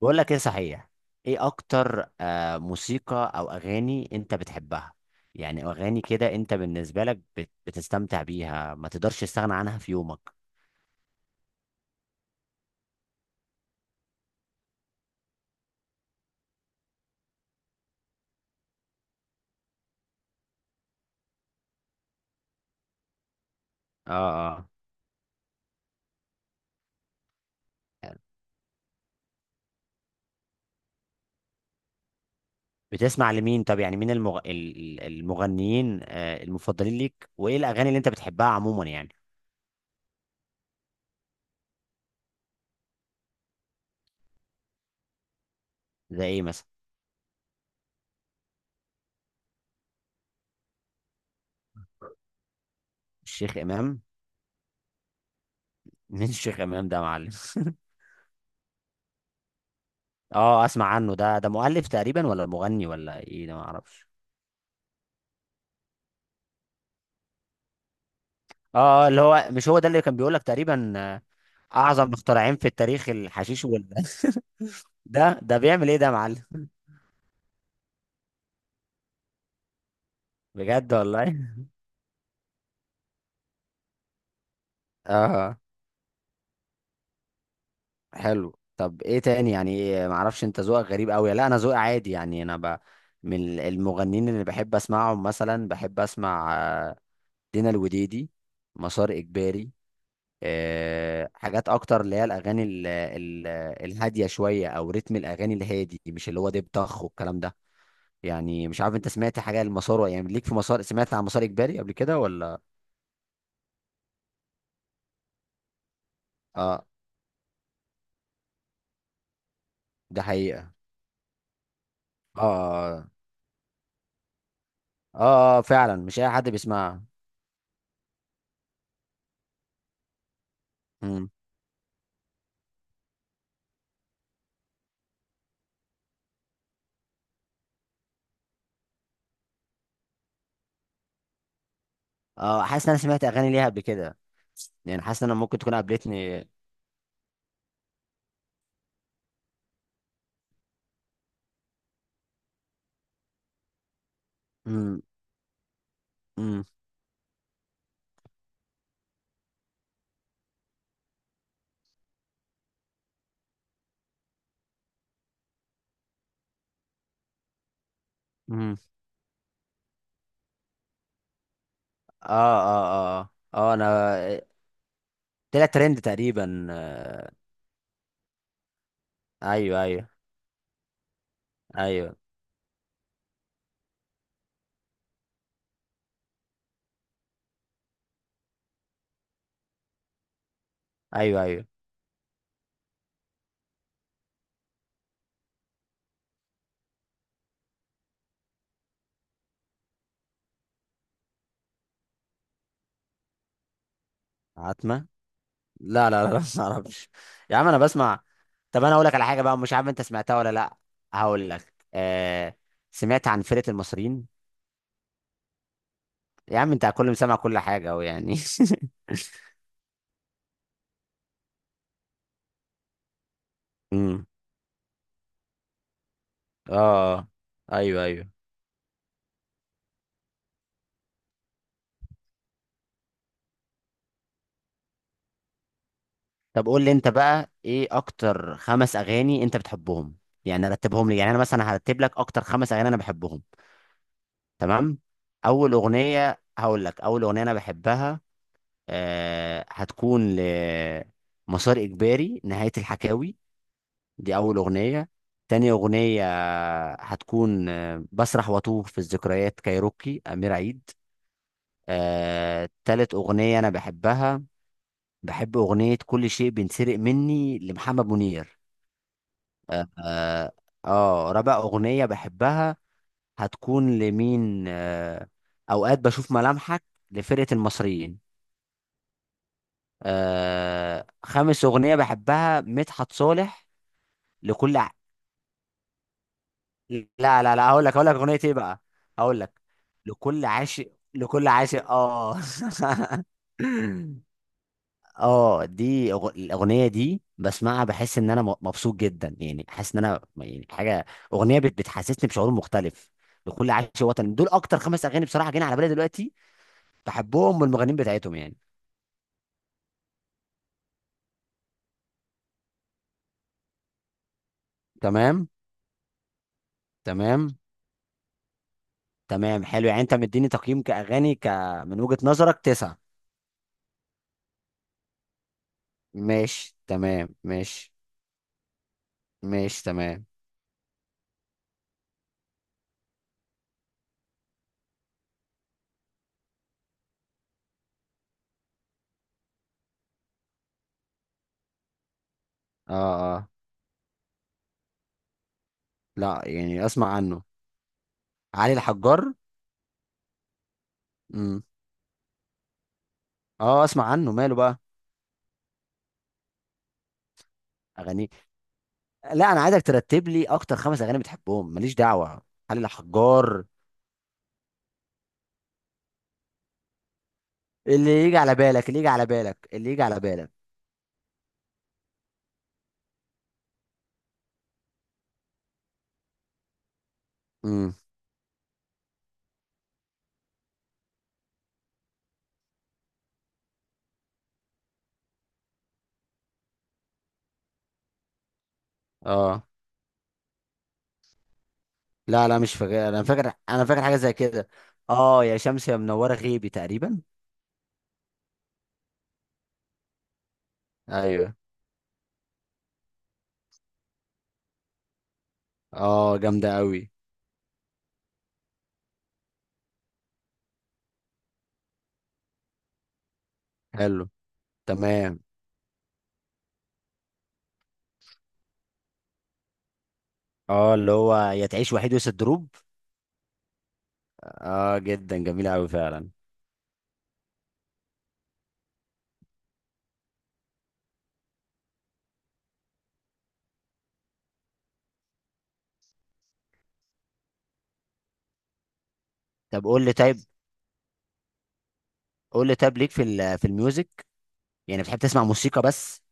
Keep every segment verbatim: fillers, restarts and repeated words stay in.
بقول لك ايه صحيح؟ ايه اكتر آه موسيقى او اغاني انت بتحبها؟ يعني اغاني كده انت بالنسبه لك بت- بتستمتع بيها، ما تقدرش تستغنى عنها في يومك؟ اه. اه. بتسمع لمين؟ طب يعني مين المغ... ال- ال- المغنيين آه المفضلين ليك، وايه الاغاني اللي انت بتحبها عموما يعني؟ زي ايه مثلا؟ الشيخ امام. مين الشيخ امام ده يا معلم؟ اه، اسمع عنه. ده ده مؤلف تقريبا ولا مغني ولا ايه؟ ده ما اعرفش. اه، اللي هو مش هو ده اللي كان بيقول لك تقريبا آه، اعظم مخترعين في التاريخ الحشيش وال ده ده بيعمل ايه ده يا معلم؟ بجد والله. اه حلو. طب ايه تاني؟ يعني إيه، ما اعرفش. انت ذوقك غريب قوي. لا، انا ذوقي عادي يعني. انا ب... من المغنيين اللي بحب اسمعهم مثلا بحب اسمع آه، دينا الوديدي، مسار اجباري. أه حاجات اكتر اللي هي الاغاني ال... ال... الهاديه شويه، او رتم الاغاني الهادي، مش اللي هو دب طخ والكلام ده. يعني مش عارف انت سمعت حاجه، المسار يعني، ليك في مسار؟ سمعت عن مسار اجباري قبل كده ولا؟ اه. ده حقيقة. اه اه اه آه، فعلا مش اي حد بيسمعها. مم. اه، حاسس ان انا سمعت اغاني ليها قبل كده. يعني حاسس ان انا ممكن تكون قابلتني. امم. امم. امم. اه اه اه اه آه، انا طلع ترند تقريبا. ايوه ايوه ايوه ايوه ايوه. عتمة. لا لا لا لا، ما اعرفش. يا عم انا بسمع. طب انا اقول لك على حاجة بقى، مش عارف انت سمعتها ولا لا. هقول لك آه سمعت عن فرقة المصريين؟ يا عم انت كل مسمع، كل حاجة أهو يعني. اه. ايوه ايوه. طب قول لي انت بقى، ايه اكتر خمس اغاني انت بتحبهم؟ يعني رتبهم لي. يعني انا مثلا هرتب لك اكتر خمس اغاني انا بحبهم. تمام. اول اغنيه هقول لك، اول اغنيه انا بحبها آه هتكون لمسار اجباري، نهايه الحكاوي. دي اول اغنيه. تاني اغنيه هتكون آه، بسرح واتوه في الذكريات، كايروكي، امير عيد. آه تالت اغنيه انا بحبها، بحب أغنية كل شيء بينسرق مني لمحمد منير. آه, آه, آه رابع أغنية بحبها هتكون لمين آه أوقات بشوف ملامحك، لفرقة المصريين. آه خامس أغنية بحبها مدحت صالح، لكل ع... لا لا لا، هقول لك هقول لك أغنية إيه بقى. هقول لك، لكل عاشق لكل عاشق آه اه دي أغ- الاغنيه دي بسمعها بحس ان انا م- مبسوط جدا، يعني حاسس ان انا يعني حاجه، اغنيه بت- بتحسسني بشعور مختلف. بكل عايش وطن. دول اكتر خمس اغاني بصراحه جايين على بالي دلوقتي بحبهم، والمغنيين بتاعتهم يعني. تمام. تمام تمام حلو. يعني انت مديني تقييم كاغاني ك من وجهه نظرك تسعة. ماشي تمام ماشي. ماشي تمام. اه اه. لا، يعني اسمع عنه. علي الحجار. امم. اه، اسمع عنه، ماله بقى؟ اغانيه؟ لا انا عايزك ترتب لي اكتر خمس اغاني بتحبهم، ماليش دعوه. علي الحجار. اللي يجي على بالك، اللي يجي على بالك، اللي يجي على بالك. امم. اه. لا لا مش فاكر، انا فاكر انا فاكر حاجه زي كده. اه، يا شمس يا منوره غيبي تقريبا. ايوه. اه جامده قوي. حلو. تمام. اه اللي هو يا تعيش وحيد وسط دروب. اه جدا، جميله قوي فعلا. طب قول لي طيب. قول لي طيب، ليك في ال- في الميوزك؟ يعني بتحب تسمع موسيقى بس؟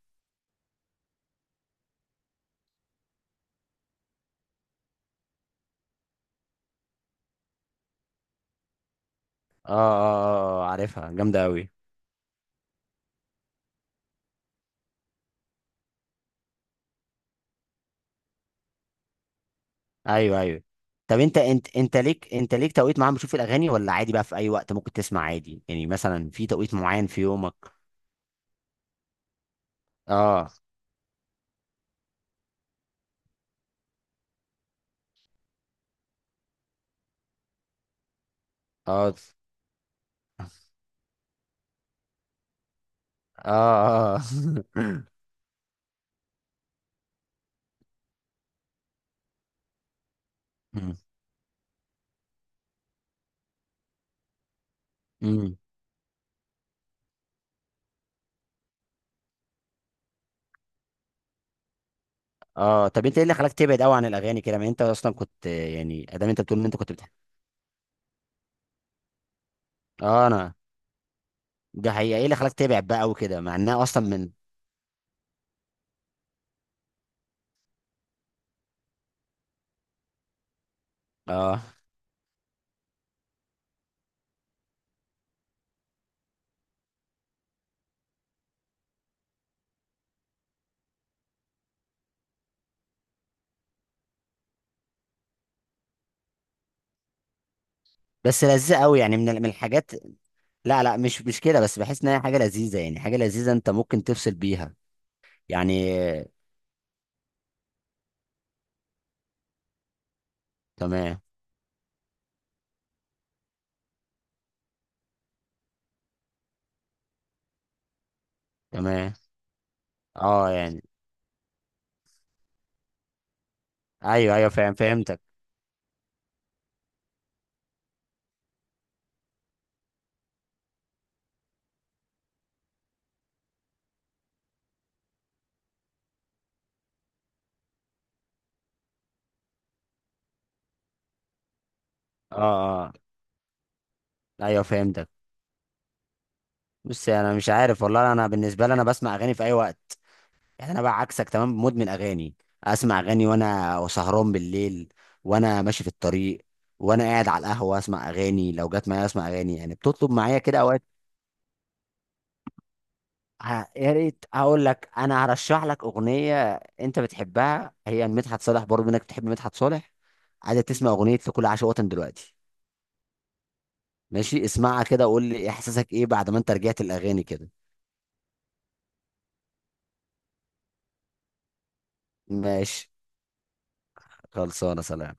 اه اه اه آه، عارفها جامده قوي. ايوه ايوه. طب انت انت انت ليك انت ليك توقيت معين بتشوف الاغاني، ولا عادي بقى في اي وقت ممكن تسمع عادي؟ يعني مثلا في توقيت معين في يومك. اه اه اه اه. مم، مم. اه طب انت ايه اللي خلاك تبعد قوي عن الاغاني كده؟ ما انت اصلا كنت، يعني ادام انت بتقول ان انت كنت بتحب. اه. انا. ده حقيقه. ايه اللي خلاك تبعد بقى قوي كده مع انها اصلا من. اه. بس لذيذه قوي يعني من ال- من الحاجات. لا لا مش مش كده، بس بحس ان هي حاجه لذيذه، يعني حاجه لذيذه انت ممكن تفصل بيها يعني. تمام. تمام. اه يعني. ايوه ايوه فاهم، فهمتك. اه اه. ايوه فهمتك. بص انا مش عارف والله، انا بالنسبه لي انا بسمع اغاني في اي وقت. يعني انا بقى عكسك تمام، مدمن اغاني. اسمع اغاني وانا سهران بالليل، وانا ماشي في الطريق، وانا قاعد على القهوه اسمع اغاني، لو جت معايا اسمع اغاني، يعني بتطلب معايا كده اوقات. ه- يا ريت. هقول لك انا هرشح لك اغنيه انت بتحبها، هي مدحت صالح، برضه منك بتحب مدحت صالح؟ عايزه تسمع اغنيه لكل عاشق وطن دلوقتي؟ ماشي، اسمعها كده وقول لي احساسك ايه بعد ما انت رجعت الاغاني كده. ماشي. خلصانه، سلام.